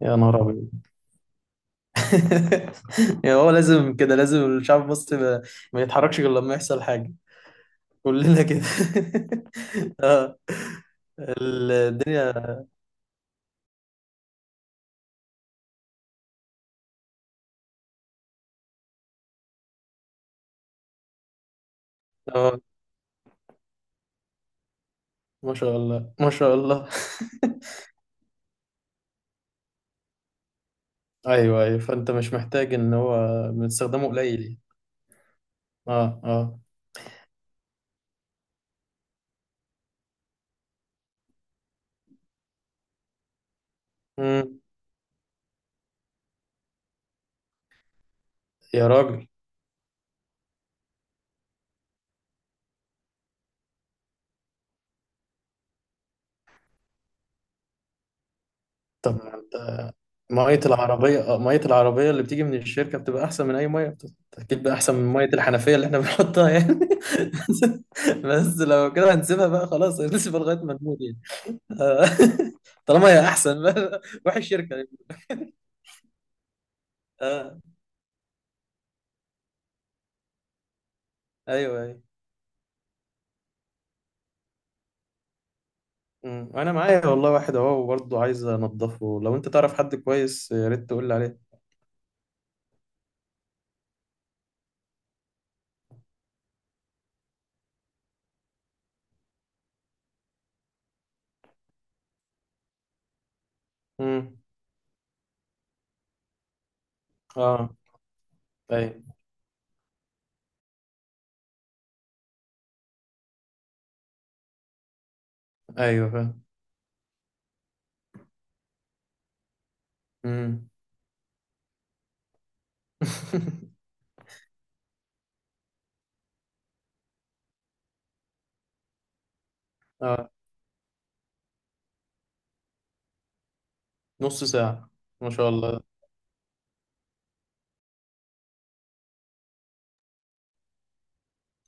يا نهار أبيض يعني هو لازم كده لازم الشعب المصري ما يتحركش غير لما يحصل حاجة كلنا كده اه الدنيا اه ما شاء الله ما شاء الله ايوه ايوه فانت مش محتاج ان هو بنستخدمه قليل يعني. اه اه مم. يا راجل طب مية العربية مية العربية اللي بتيجي من الشركة بتبقى أحسن من أي مية أكيد بقى أحسن من مية الحنفية اللي إحنا بنحطها يعني بس لو كده هنسيبها بقى خلاص هنسيبها لغاية ما نموت يعني. آه. طالما هي احسن روح الشركه اه ايوه ايوه أمم. وانا معايا والله واحد اهو برضه عايز انضفه لو انت تعرف حد كويس يا ريت تقول لي عليه امم اه ايوه ايوه فاهم امم اه نص ساعه ما شاء الله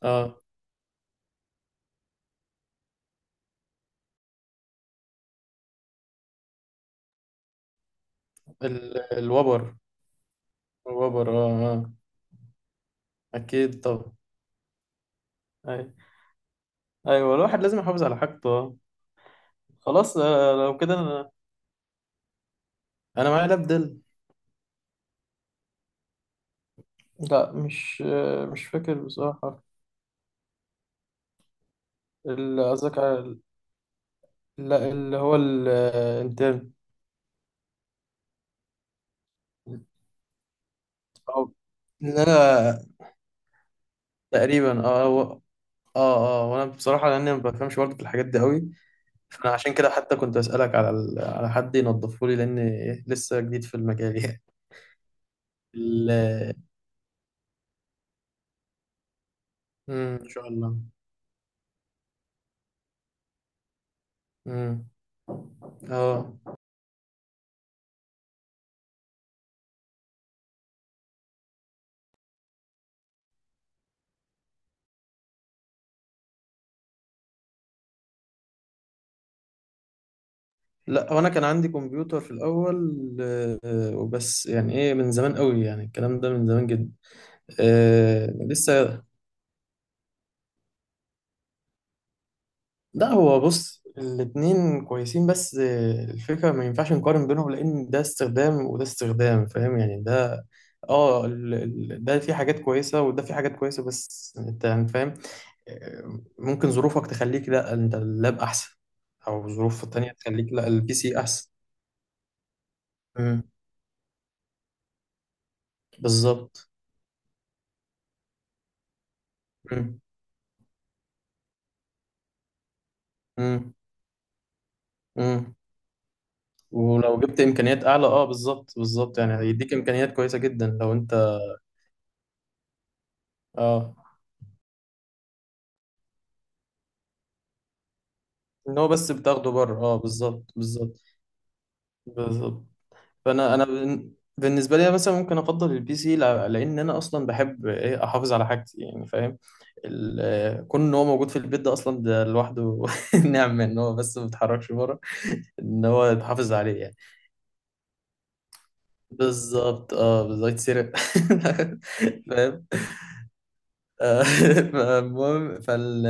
اه الوبر الوبر اه اه اكيد طبعا ايوه ايوه الواحد لازم يحافظ على حاجته آه. خلاص لو كده انا معايا لاب دل لا مش فاكر بصراحه قصدك على لا اللي هو الانترن أو إن أنا تقريبا أه أه وأنا بصراحة لأني ما بفهمش برضه في الحاجات دي قوي فأنا عشان كده حتى كنت أسألك على على حد ينظفه لي لأني لسه جديد في المجال يعني ال... مم، إن شاء الله مم. اه لا هو انا كان عندي كمبيوتر في الاول وبس يعني ايه من زمان قوي يعني الكلام ده من زمان جدا آه لسه لا هو بص الاتنين كويسين بس الفكرة ما ينفعش نقارن بينهم لأن ده استخدام وده استخدام فاهم يعني ده ده في حاجات كويسة وده في حاجات كويسة بس انت يعني فاهم ممكن ظروفك تخليك لا انت اللاب أحسن أو ظروف تانية تخليك لا البي سي أحسن مم. بالظبط مم. مم. مم. ولو جبت إمكانيات أعلى بالظبط بالظبط يعني هيديك إمكانيات كويسة جدا لو انت اه ان هو بس بتاخده بره بالظبط بالظبط بالظبط فانا بالنسبه لي مثلا ممكن افضل البي سي لان انا اصلا بحب ايه احافظ على حاجتي يعني فاهم ال- كون ان هو موجود في البيت ده اصلا ده لوحده نعمه ان هو بس ما بيتحركش بره ان هو يتحافظ عليه يعني بالظبط اه بالظبط يتسرق فاهم المهم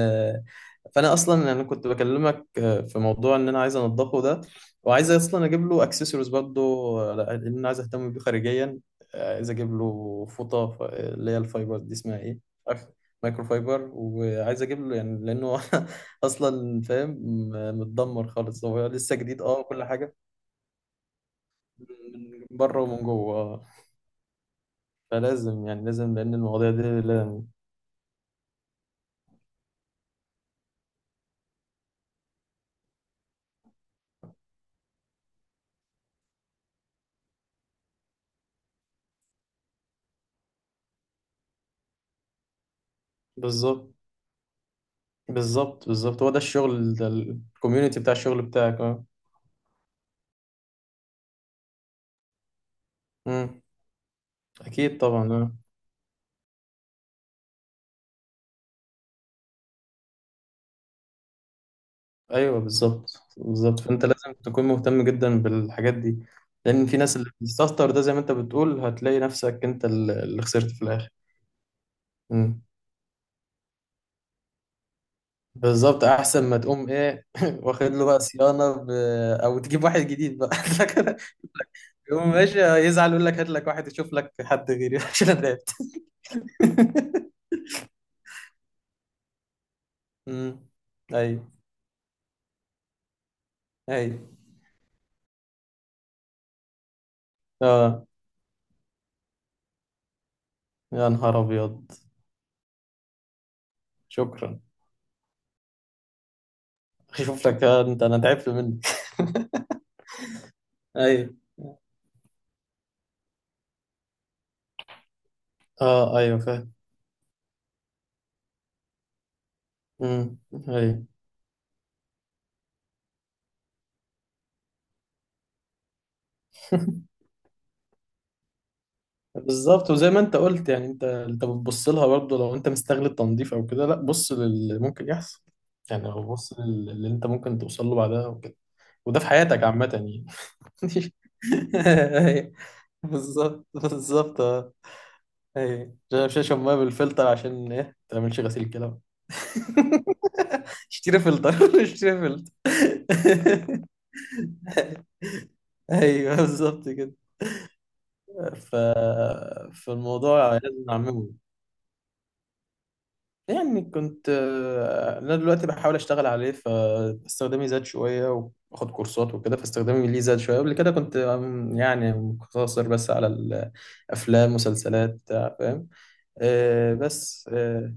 فانا اصلا انا كنت بكلمك في موضوع ان انا عايز انضفه ده وعايز اصلا اجيب له اكسسوارز برضه لان انا عايز اهتم بيه خارجيا عايز اجيب له فوطه اللي هي الفايبر دي اسمها ايه أخ- مايكرو فايبر وعايز اجيب له يعني لانه اصلا فاهم متدمر خالص هو لسه جديد اه كل حاجه من بره ومن جوه فلازم يعني لازم لان المواضيع دي لازم بالظبط بالظبط بالظبط هو ده الشغل ده الكوميونتي بتاع الشغل بتاعك اه امم اكيد طبعا اه ايوه بالظبط بالظبط فانت لازم تكون مهتم جدا بالحاجات دي لان في ناس اللي بتستهتر ده زي ما انت بتقول هتلاقي نفسك انت اللي خسرت في الاخر امم بالظبط احسن ما تقوم ايه واخد له بقى صيانه او تجيب واحد جديد بقى لكن يقوم ماشي يزعل يقول لك هات لك واحد يشوف لك حد غيري عشان انا تعبت امم ايوه ايوه اه يا نهار ابيض شكرا شوف لك انت انا تعبت منك ايوه اه ايوه فاهم امم ايوه بالظبط وزي ما انت قلت يعني انت انت بتبص لها برضه لو انت مستغل التنظيف او كده لا بص للي ممكن يحصل يعني لو بص اللي انت ممكن توصل له بعدها وكده وده في حياتك عامة يعني أيوة. بالظبط بالظبط اه ايوه عشان مش هشرب ميه بالفلتر عشان ايه ما تعملش غسيل كده اشتري فلتر اشتري فلتر ايوه بالظبط كده ف... فالموضوع لازم نعممه يعني كنت انا دلوقتي بحاول اشتغل عليه فاستخدامي زاد شويه واخد كورسات وكده فاستخدامي ليه زاد شويه قبل كده كنت يعني مقتصر بس على الافلام مسلسلات بتاع فاهم بس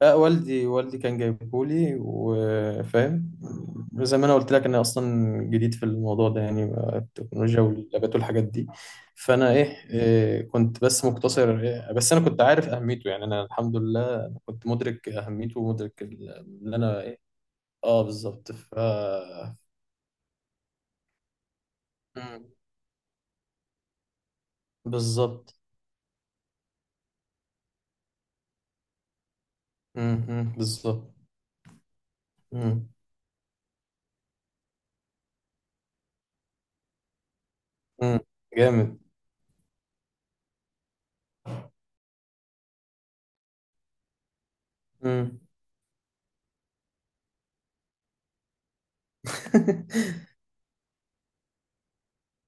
لا والدي كان جايبهولي وفاهم زي ما انا قلت لك انا اصلا جديد في الموضوع ده يعني التكنولوجيا واللابات والحاجات دي فانا ايه كنت بس مقتصر بس انا كنت عارف اهميته يعني انا الحمد لله كنت مدرك اهميته ومدرك اللي انا ايه اه بالظبط مم. بالظبط مم، مم، بالظبط مم، مم. جامد مم.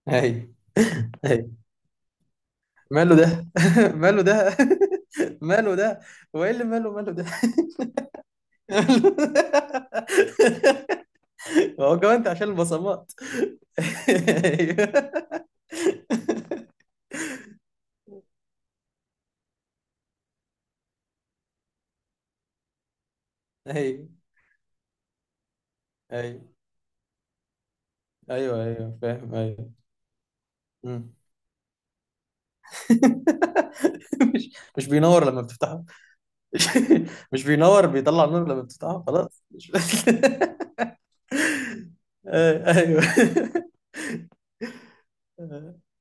ايوه ماله ده ماله ده ماله ده هو ايه اللي ماله ماله ده ماله ده؟ هو كمان انت عشان البصمات ايوه ايوه ايوه ايوه ايوه فاهم ايوه مم. مش بينور لما بتفتحه مش مش بينور بيطلع نور لما بتفتحه خلاص ايوه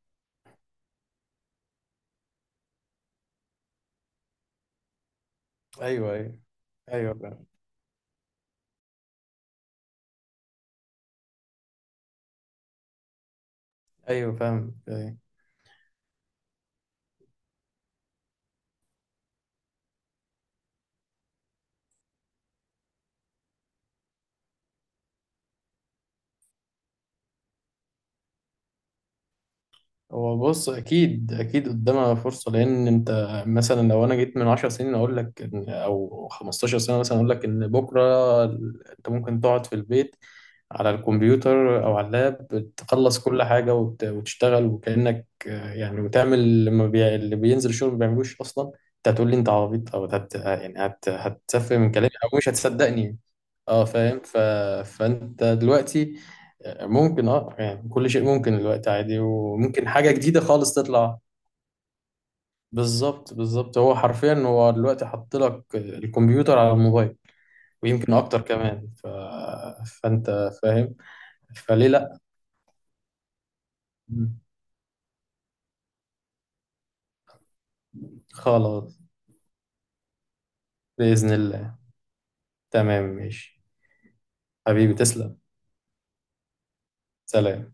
ايوه ايوه ايوه ايوه فاهم أيوة. هو بص اكيد اكيد قدامها فرصه لان انت مثلا لو انا جيت من 10 سنين اقول لك او 15 سنه مثلا اقول لك ان بكره انت ممكن تقعد في البيت على الكمبيوتر او على اللاب تخلص كل حاجه وتشتغل وكانك يعني وتعمل اللي ما بي... اللي بينزل شغل ما بيعملوش اصلا انت هتقول لي انت عبيط او يعني هتسفه من كلامي او مش هتصدقني اه فاهم فانت دلوقتي ممكن اه يعني كل شيء ممكن دلوقتي عادي وممكن حاجة جديدة خالص تطلع بالظبط بالظبط هو حرفيا هو دلوقتي حط لك الكمبيوتر على الموبايل ويمكن اكتر كمان فانت فاهم فليه لا خلاص بإذن الله تمام ماشي حبيبي تسلم سلام